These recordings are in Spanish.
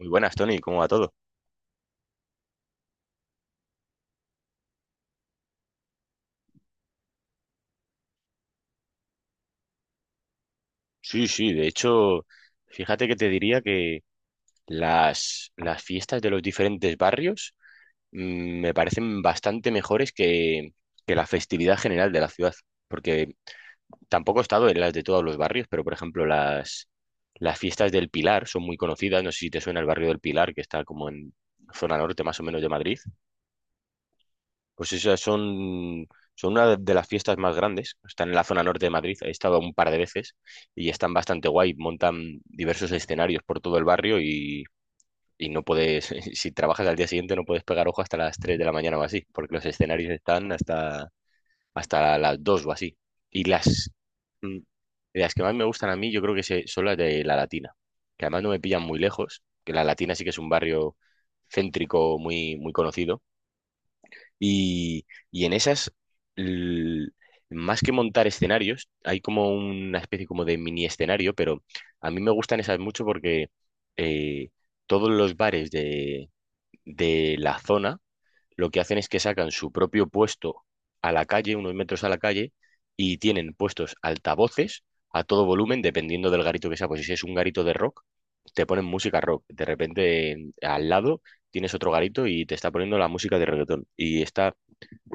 Muy buenas, Tony, ¿cómo va todo? Sí, sí, de hecho, fíjate que te diría que las fiestas de los diferentes barrios me parecen bastante mejores que la festividad general de la ciudad, porque tampoco he estado en las de todos los barrios, pero, por ejemplo, las fiestas del Pilar son muy conocidas. No sé si te suena el barrio del Pilar, que está como en zona norte, más o menos, de Madrid. Pues esas son, son una de las fiestas más grandes. Están en la zona norte de Madrid. He estado un par de veces y están bastante guay. Montan diversos escenarios por todo el barrio, y no puedes, si trabajas al día siguiente, no puedes pegar ojo hasta las 3 de la mañana o así, porque los escenarios están hasta las 2 o así. Y las, mm, las que más me gustan a mí, yo creo que son las de La Latina, que además no me pillan muy lejos, que La Latina sí que es un barrio céntrico muy, muy conocido, y en esas, l- más que montar escenarios, hay como una especie como de mini escenario, pero a mí me gustan esas mucho porque eh, todos los bares de la zona, lo que hacen es que sacan su propio puesto a la calle, unos metros a la calle, y tienen puestos altavoces a todo volumen, dependiendo del garito que sea. Pues si es un garito de rock, te ponen música rock. De repente, al lado, tienes otro garito y te está poniendo la música de reggaetón. Y está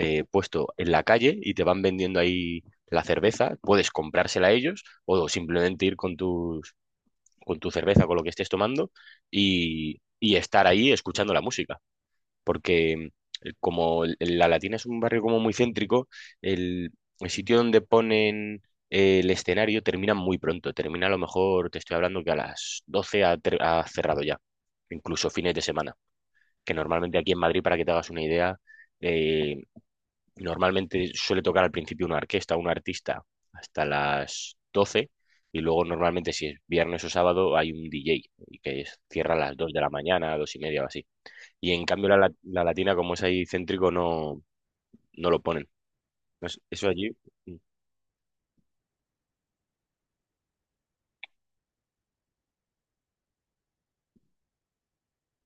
puesto en la calle y te van vendiendo ahí la cerveza, puedes comprársela a ellos o simplemente ir con con tu cerveza, con lo que estés tomando y estar ahí escuchando la música, porque como La Latina es un barrio como muy céntrico, el, el sitio donde ponen el escenario termina muy pronto, termina a lo mejor, te estoy hablando que a las 12 ha cerrado ya, incluso fines de semana, que normalmente aquí en Madrid, para que te hagas una idea, eh, Normalmente suele tocar al principio una orquesta, un artista, hasta las 12, y luego normalmente si es viernes o sábado hay un DJ y cierra a las 2 de la mañana, 2:30 o así. Y en cambio la, La Latina, como es ahí céntrico, no, no lo ponen. No es- Eso allí... Mm,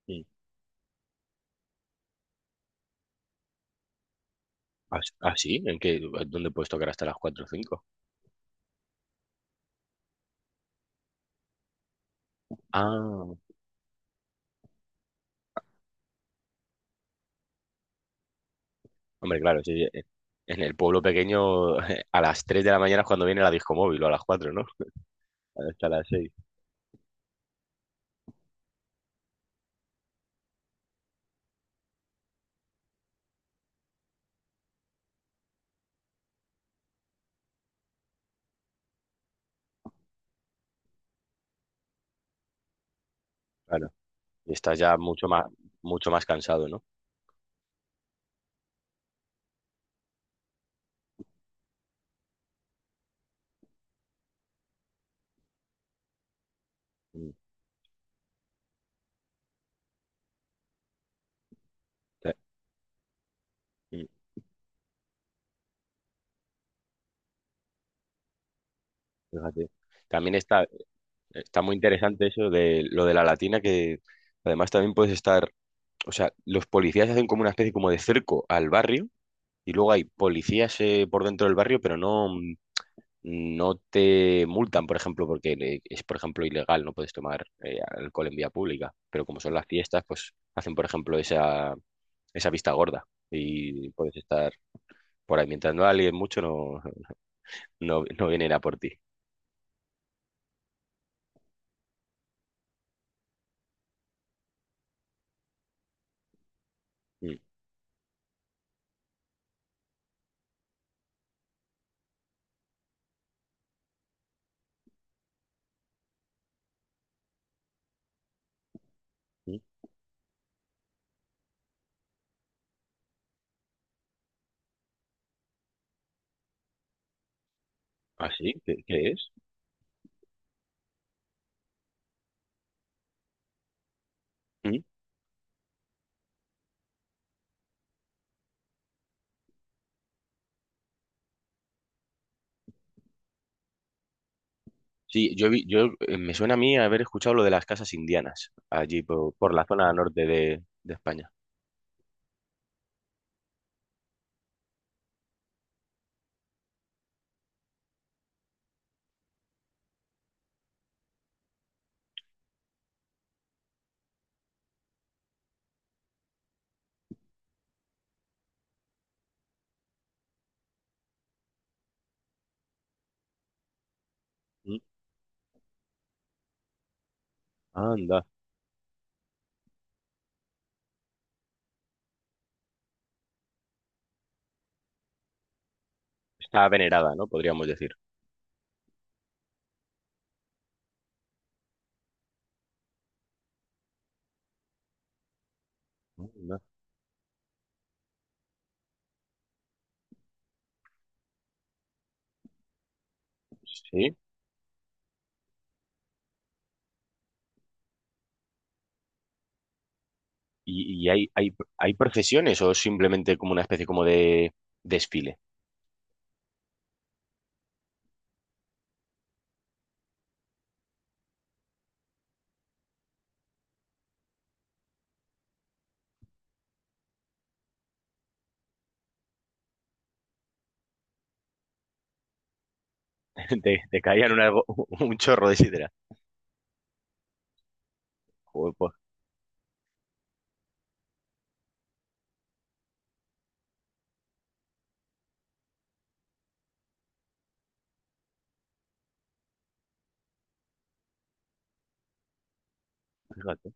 mm. ¿Ah, sí? ¿En qué? ¿Dónde puedes tocar hasta las 4 o 5? Ah, hombre, claro, sí, sí, en el pueblo pequeño a las 3 de la mañana es cuando viene la disco móvil, o a las 4, ¿no? Hasta las 6, claro. Y estás ya mucho más cansado, ¿no? Mm. te- mm, Fíjate. También está, está muy interesante eso de lo de La Latina, que además también puedes estar, o sea, los policías hacen como una especie como de cerco al barrio y luego hay policías por dentro del barrio, pero no, no te multan, por ejemplo, porque es, por ejemplo, ilegal. No puedes tomar alcohol en vía pública, pero como son las fiestas, pues hacen, por ejemplo, esa vista gorda, y puedes estar por ahí mientras no alguien mucho, no. No, no viene a por ti. Mm, mm. ¿Ah, sí? ¿Qué es? Mm. Sí, yo me suena a mí haber escuchado lo de las casas indianas, allí por la zona norte de España. Mm. Anda, está venerada, ¿no? Podríamos decir. Anda. Sí. ¿Y hay procesiones, o es simplemente como una especie como de desfile? Te caían algo, un chorro de sidra. Joder, pues, fíjate.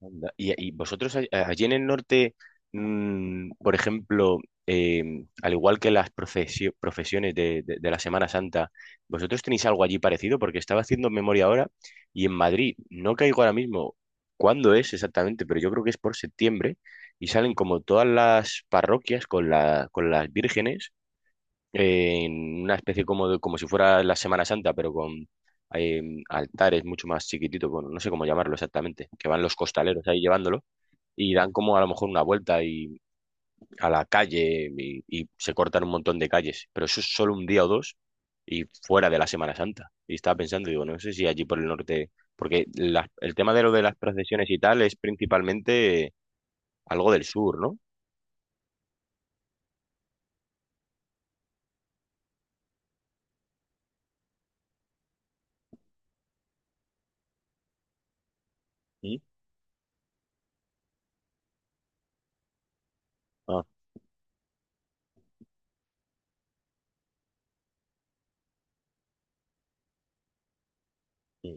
Anda. Y vosotros allí en el norte, por ejemplo, eh, al igual que las profesiones de la Semana Santa, ¿vosotros tenéis algo allí parecido? Porque estaba haciendo memoria ahora y en Madrid no caigo ahora mismo cuándo es exactamente, pero yo creo que es por septiembre, y salen como todas las parroquias con con las vírgenes en una especie como de, como si fuera la Semana Santa, pero con eh, altares mucho más chiquititos, bueno, no sé cómo llamarlo exactamente, que van los costaleros ahí llevándolo y dan como a lo mejor una vuelta y, a la calle, y se cortan un montón de calles, pero eso es solo un día o dos, y fuera de la Semana Santa. Y estaba pensando, digo, no sé si allí por el norte, porque el tema de lo de las procesiones y tal es principalmente algo del sur, ¿no? ¿Mm? Ah, mm,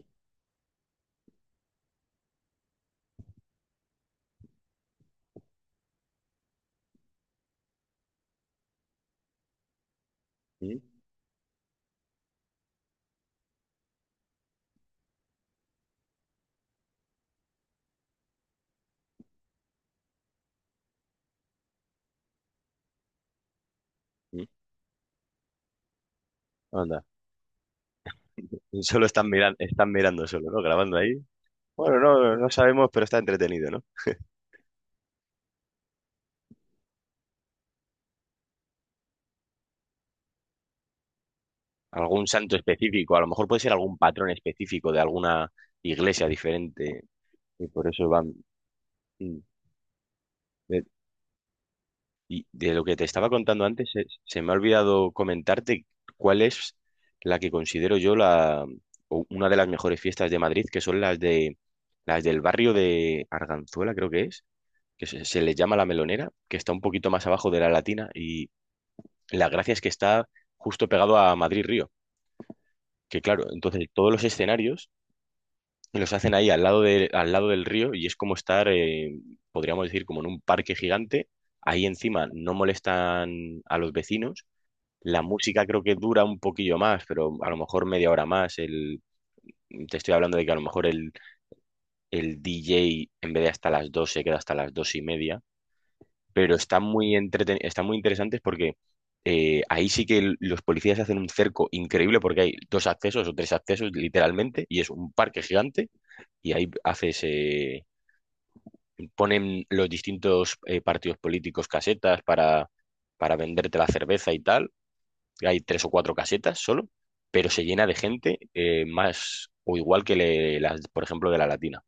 mm, mm. Anda. Solo están mirando solo, ¿no? Grabando ahí. Bueno, no, no sabemos, pero está entretenido, ¿no? Algún santo específico, a lo mejor puede ser algún patrón específico de alguna iglesia diferente, y por eso van. mm, de- Y de lo que te estaba contando antes, se me ha olvidado comentarte cuál es la que considero yo la o una de las mejores fiestas de Madrid, que son las del barrio de Arganzuela, creo que es, que se le llama La Melonera, que está un poquito más abajo de La Latina. Y la gracia es que está justo pegado a Madrid-Río, que claro, entonces todos los escenarios los hacen ahí al lado al lado del río, y es como estar, podríamos decir, como en un parque gigante. Ahí encima no molestan a los vecinos. La música creo que dura un poquillo más, pero a lo mejor media hora más. Te estoy hablando de que a lo mejor el DJ, en vez de hasta las 2, se queda hasta las 2:30, pero están muy entreten están muy interesantes porque ahí sí que los policías hacen un cerco increíble, porque hay dos accesos o tres accesos literalmente, y es un parque gigante, y ahí haces ponen los distintos partidos políticos casetas para venderte la cerveza y tal. Hay tres o cuatro casetas solo, pero se llena de gente más o igual que las, por ejemplo, de La Latina,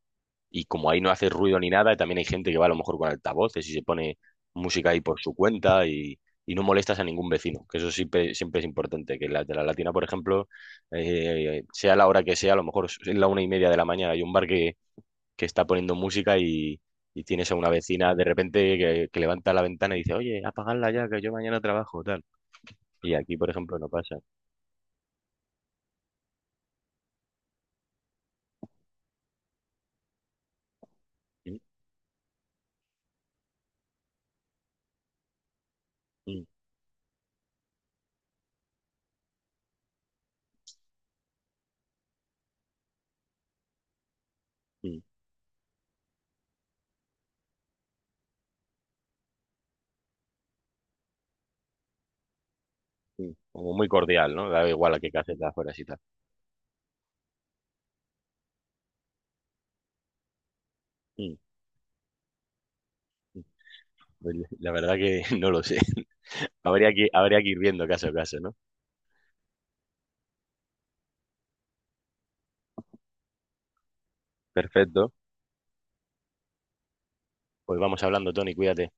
y como ahí no hace ruido ni nada, también hay gente que va a lo mejor con altavoces y se pone música ahí por su cuenta, y no molestas a ningún vecino, que eso siempre, siempre es importante, que la de La Latina, por ejemplo, sea la hora que sea, a lo mejor es la 1:30 de la mañana, hay un bar que está poniendo música, y tienes a una vecina de repente que levanta la ventana y dice: oye, apagadla ya, que yo mañana trabajo, tal. Y aquí, por ejemplo, no pasa. Mm, mm, mm, mm. Como muy cordial, ¿no? Da igual a qué caseta afuera y tal. Mm, mm. Pues la verdad que no lo sé. Habría que ir viendo caso a caso, ¿no? Perfecto. Pues vamos hablando, Tony, cuídate.